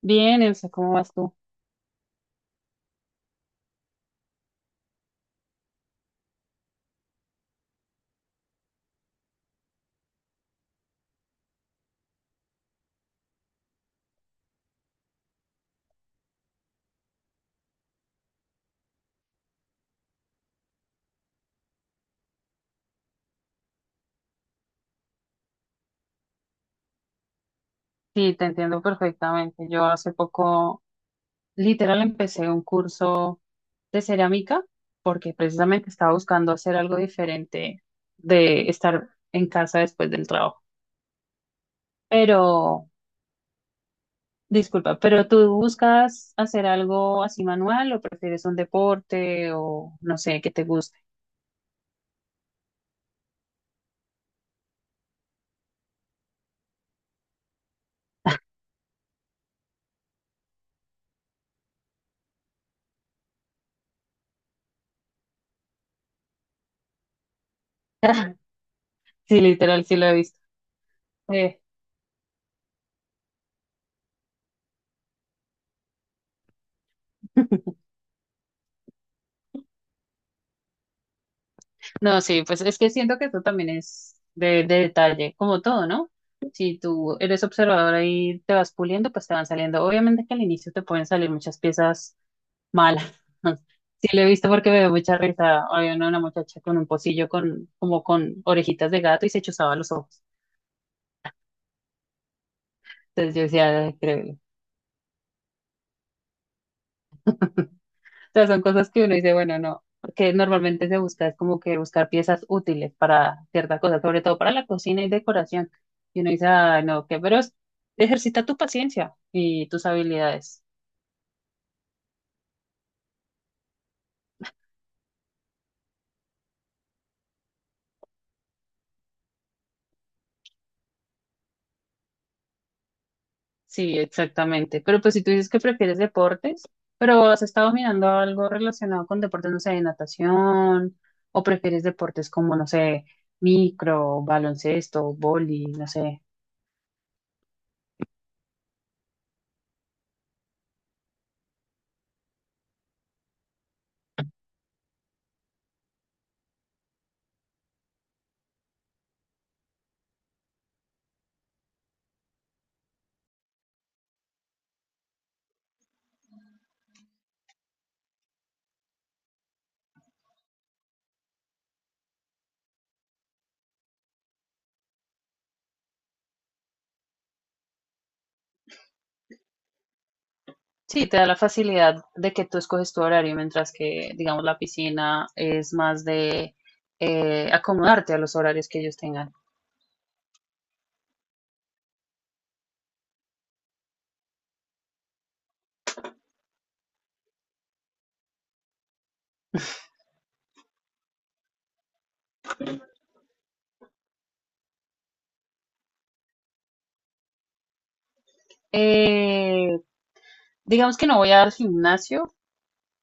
Bien, Elsa, ¿cómo vas tú? Sí, te entiendo perfectamente. Yo hace poco, literal, empecé un curso de cerámica porque precisamente estaba buscando hacer algo diferente de estar en casa después del trabajo. Pero, disculpa, ¿pero tú buscas hacer algo así manual o prefieres un deporte o no sé, que te guste? Sí, literal, sí lo he visto. Eh, No, sí, pues es que siento que eso también es de detalle, como todo, ¿no? Si tú eres observador ahí te vas puliendo, pues te van saliendo. Obviamente que al inicio te pueden salir muchas piezas malas. Sí, lo he visto porque me dio mucha risa. Había una muchacha con un pocillo con, como con orejitas de gato y se chuzaba los ojos. Entonces yo decía, "Ay, creo, sea, son cosas que uno dice, bueno, no, porque normalmente se busca, es como que buscar piezas útiles para cierta cosa sobre todo para la cocina y decoración. Y uno dice, ah, no, que, pero es- ejercita tu paciencia y tus habilidades. Sí, exactamente. Pero pues si tú dices que prefieres deportes, pero has estado mirando algo relacionado con deportes, no sé, de natación, o prefieres deportes como, no sé, micro, baloncesto, boli, no sé. Sí, te da la facilidad de que tú escoges tu horario, mientras que, digamos, la piscina es más de acomodarte a los horarios que ellos tengan. Eh, digamos que no voy al gimnasio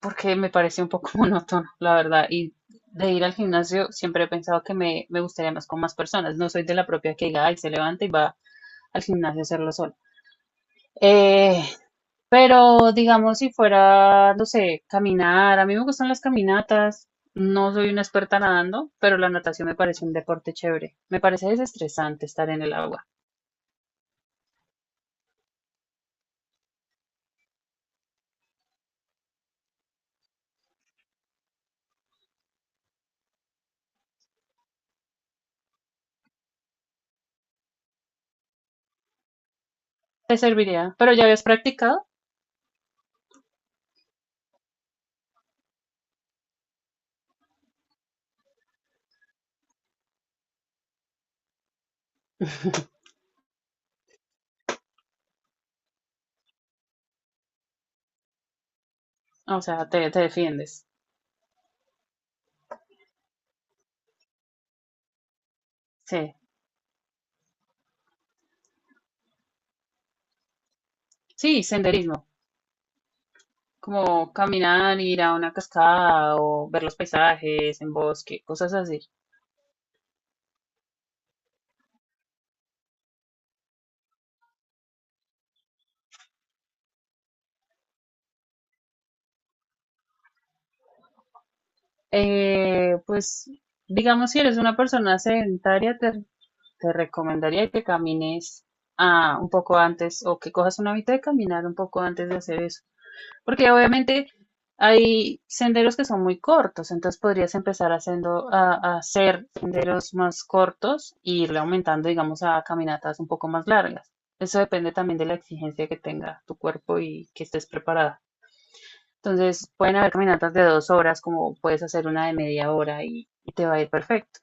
porque me parece un poco monótono, la verdad. Y de ir al gimnasio siempre he pensado que me gustaría más con más personas. No soy de la propia que diga, ay, se levanta y va al gimnasio a hacerlo solo. Eh, Pero digamos, si fuera, no sé, caminar, a mí me gustan las caminatas, no soy una experta nadando, pero la natación me parece un deporte chévere, me parece desestresante estar en el agua, te serviría, pero ya habías practicado, o sea, te defiendes, sí, sí, senderismo, como caminar, ir a una cascada o ver los paisajes en bosque, cosas así. Pues digamos, si eres una persona sedentaria, te recomendaría que camines un poco antes o que cojas una mitad de caminar un poco antes de hacer eso. Porque obviamente hay senderos que son muy cortos, entonces podrías empezar haciendo, a hacer senderos más cortos e irle aumentando, digamos, a caminatas un poco más largas. Eso depende también de la exigencia que tenga tu cuerpo y que estés preparada. Entonces, pueden haber caminatas de dos horas, como puedes hacer una de media hora y te va a ir perfecto.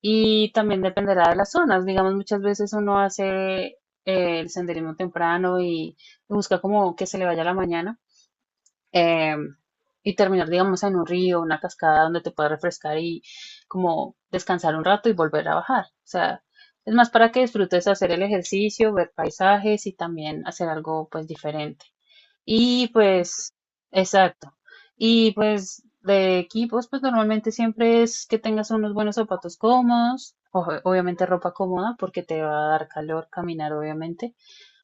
Y también dependerá de las zonas. Digamos, muchas veces uno hace eh, el senderismo temprano y busca como que se le vaya la mañana eh, y terminar, digamos, en un río, una cascada donde te puedas refrescar y como descansar un rato y volver a bajar. O sea, es más para que disfrutes hacer el ejercicio, ver paisajes y también hacer algo pues diferente. Y pues, exacto. Y pues de equipos, pues normalmente siempre es que tengas unos buenos zapatos cómodos, ojo, obviamente ropa cómoda porque te va a dar calor caminar, obviamente.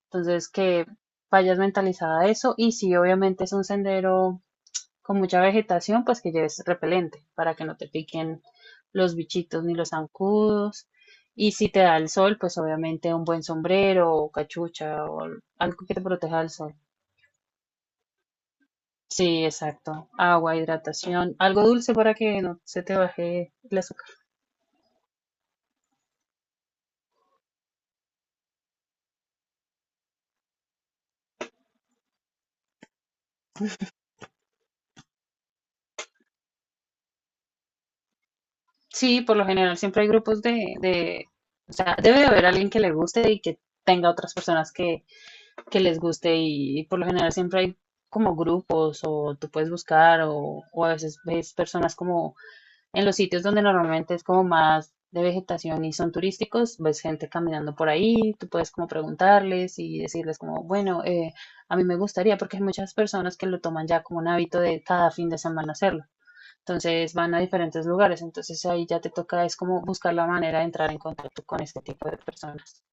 Entonces que vayas mentalizada a eso y si obviamente es un sendero con mucha vegetación, pues que lleves repelente para que no te piquen los bichitos ni los zancudos. Y si te da el sol, pues obviamente un buen sombrero o cachucha o algo que te proteja del sol. Sí, exacto. Agua, hidratación, algo dulce para que no se te baje el azúcar. Sí, por lo general siempre hay grupos de, o sea, debe de haber alguien que le guste y que tenga otras personas que les guste y por lo general siempre hay como grupos o tú puedes buscar o a veces ves personas como en los sitios donde normalmente es como más de vegetación y son turísticos, ves gente caminando por ahí, tú puedes como preguntarles y decirles como, bueno, a mí me gustaría, porque hay muchas personas que lo toman ya como un hábito de cada fin de semana hacerlo. Entonces van a diferentes lugares, entonces ahí ya te toca, es como buscar la manera de entrar en contacto con este tipo de personas.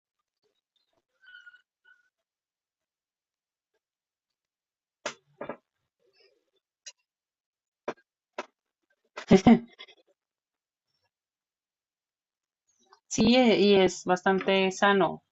Sí, y es bastante sano.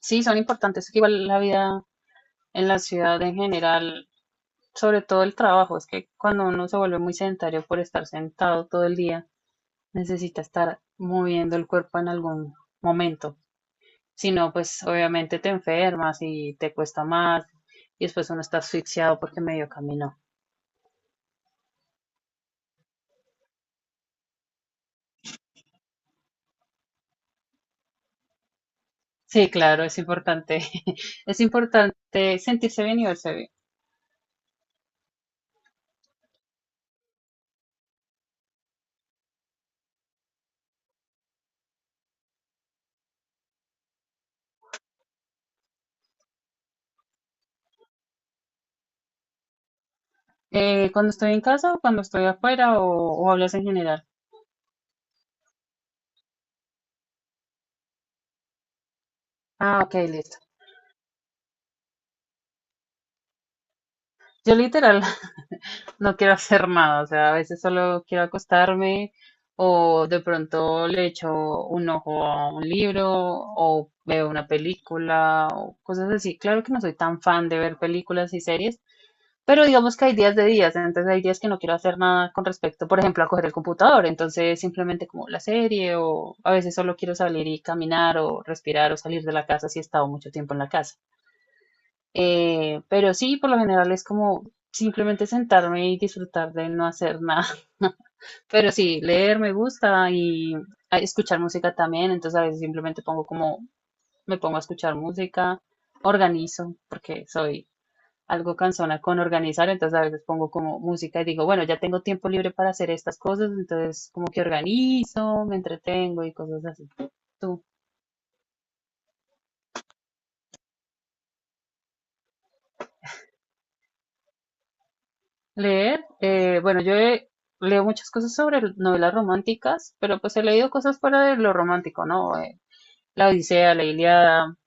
Sí, son importantes, que igual la vida en la ciudad en general sobre todo el trabajo, es que cuando uno se vuelve muy sedentario por estar sentado todo el día, necesita estar moviendo el cuerpo en algún momento. Si no, pues obviamente te enfermas y te cuesta más y después uno está asfixiado porque medio caminó. Sí, claro, es importante. Es importante sentirse bien y verse bien. Cuando estoy en casa o cuando estoy afuera o hablas en general. Ah, ok, listo. Yo literal no quiero hacer nada, o sea, a veces solo quiero acostarme o de pronto le echo un ojo a un libro o veo una película o cosas así. Claro que no soy tan fan de ver películas y series, pero digamos que hay días de días, entonces hay días que no quiero hacer nada con respecto, por ejemplo, a coger el computador, entonces simplemente como la serie o a veces solo quiero salir y caminar o respirar o salir de la casa si he estado mucho tiempo en la casa. Pero sí, por lo general es como simplemente sentarme y disfrutar de no hacer nada. Pero sí, leer me gusta y escuchar música también, entonces a veces simplemente pongo como, me pongo a escuchar música, organizo, porque soy algo cansona con organizar, entonces a veces pongo como música y digo, bueno, ya tengo tiempo libre para hacer estas cosas, entonces como que organizo, me entretengo y cosas así. ¿Tú? Leer, bueno, yo he- leo muchas cosas sobre l- novelas románticas, pero pues he leído cosas fuera de lo romántico, ¿no? La Odisea, la Ilíada,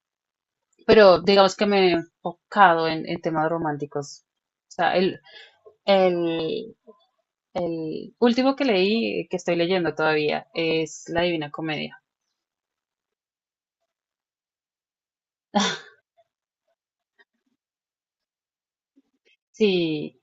pero digamos que me he enfocado en temas románticos. O sea, el, el último que leí, que estoy leyendo todavía, es La Divina Comedia. Sí,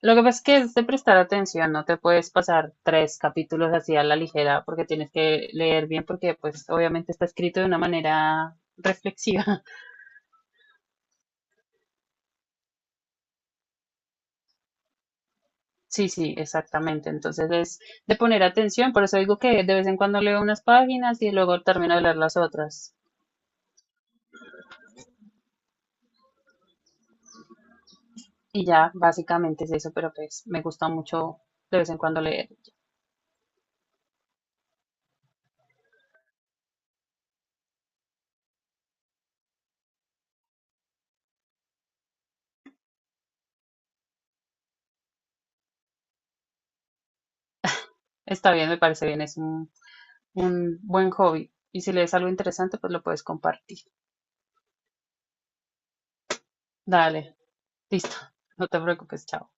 lo que pasa es que es de prestar atención, no te puedes pasar tres capítulos así a la ligera porque tienes que leer bien porque pues obviamente está escrito de una manera reflexiva. Sí, exactamente. Entonces es de poner atención, por eso digo que de vez en cuando leo unas páginas y luego termino de leer las otras. Y ya, básicamente es eso, pero pues me gusta mucho de vez en cuando leer. Está bien, me parece bien, es un buen hobby. Y si lees algo interesante, pues lo puedes compartir. Dale, listo, no te preocupes, chao.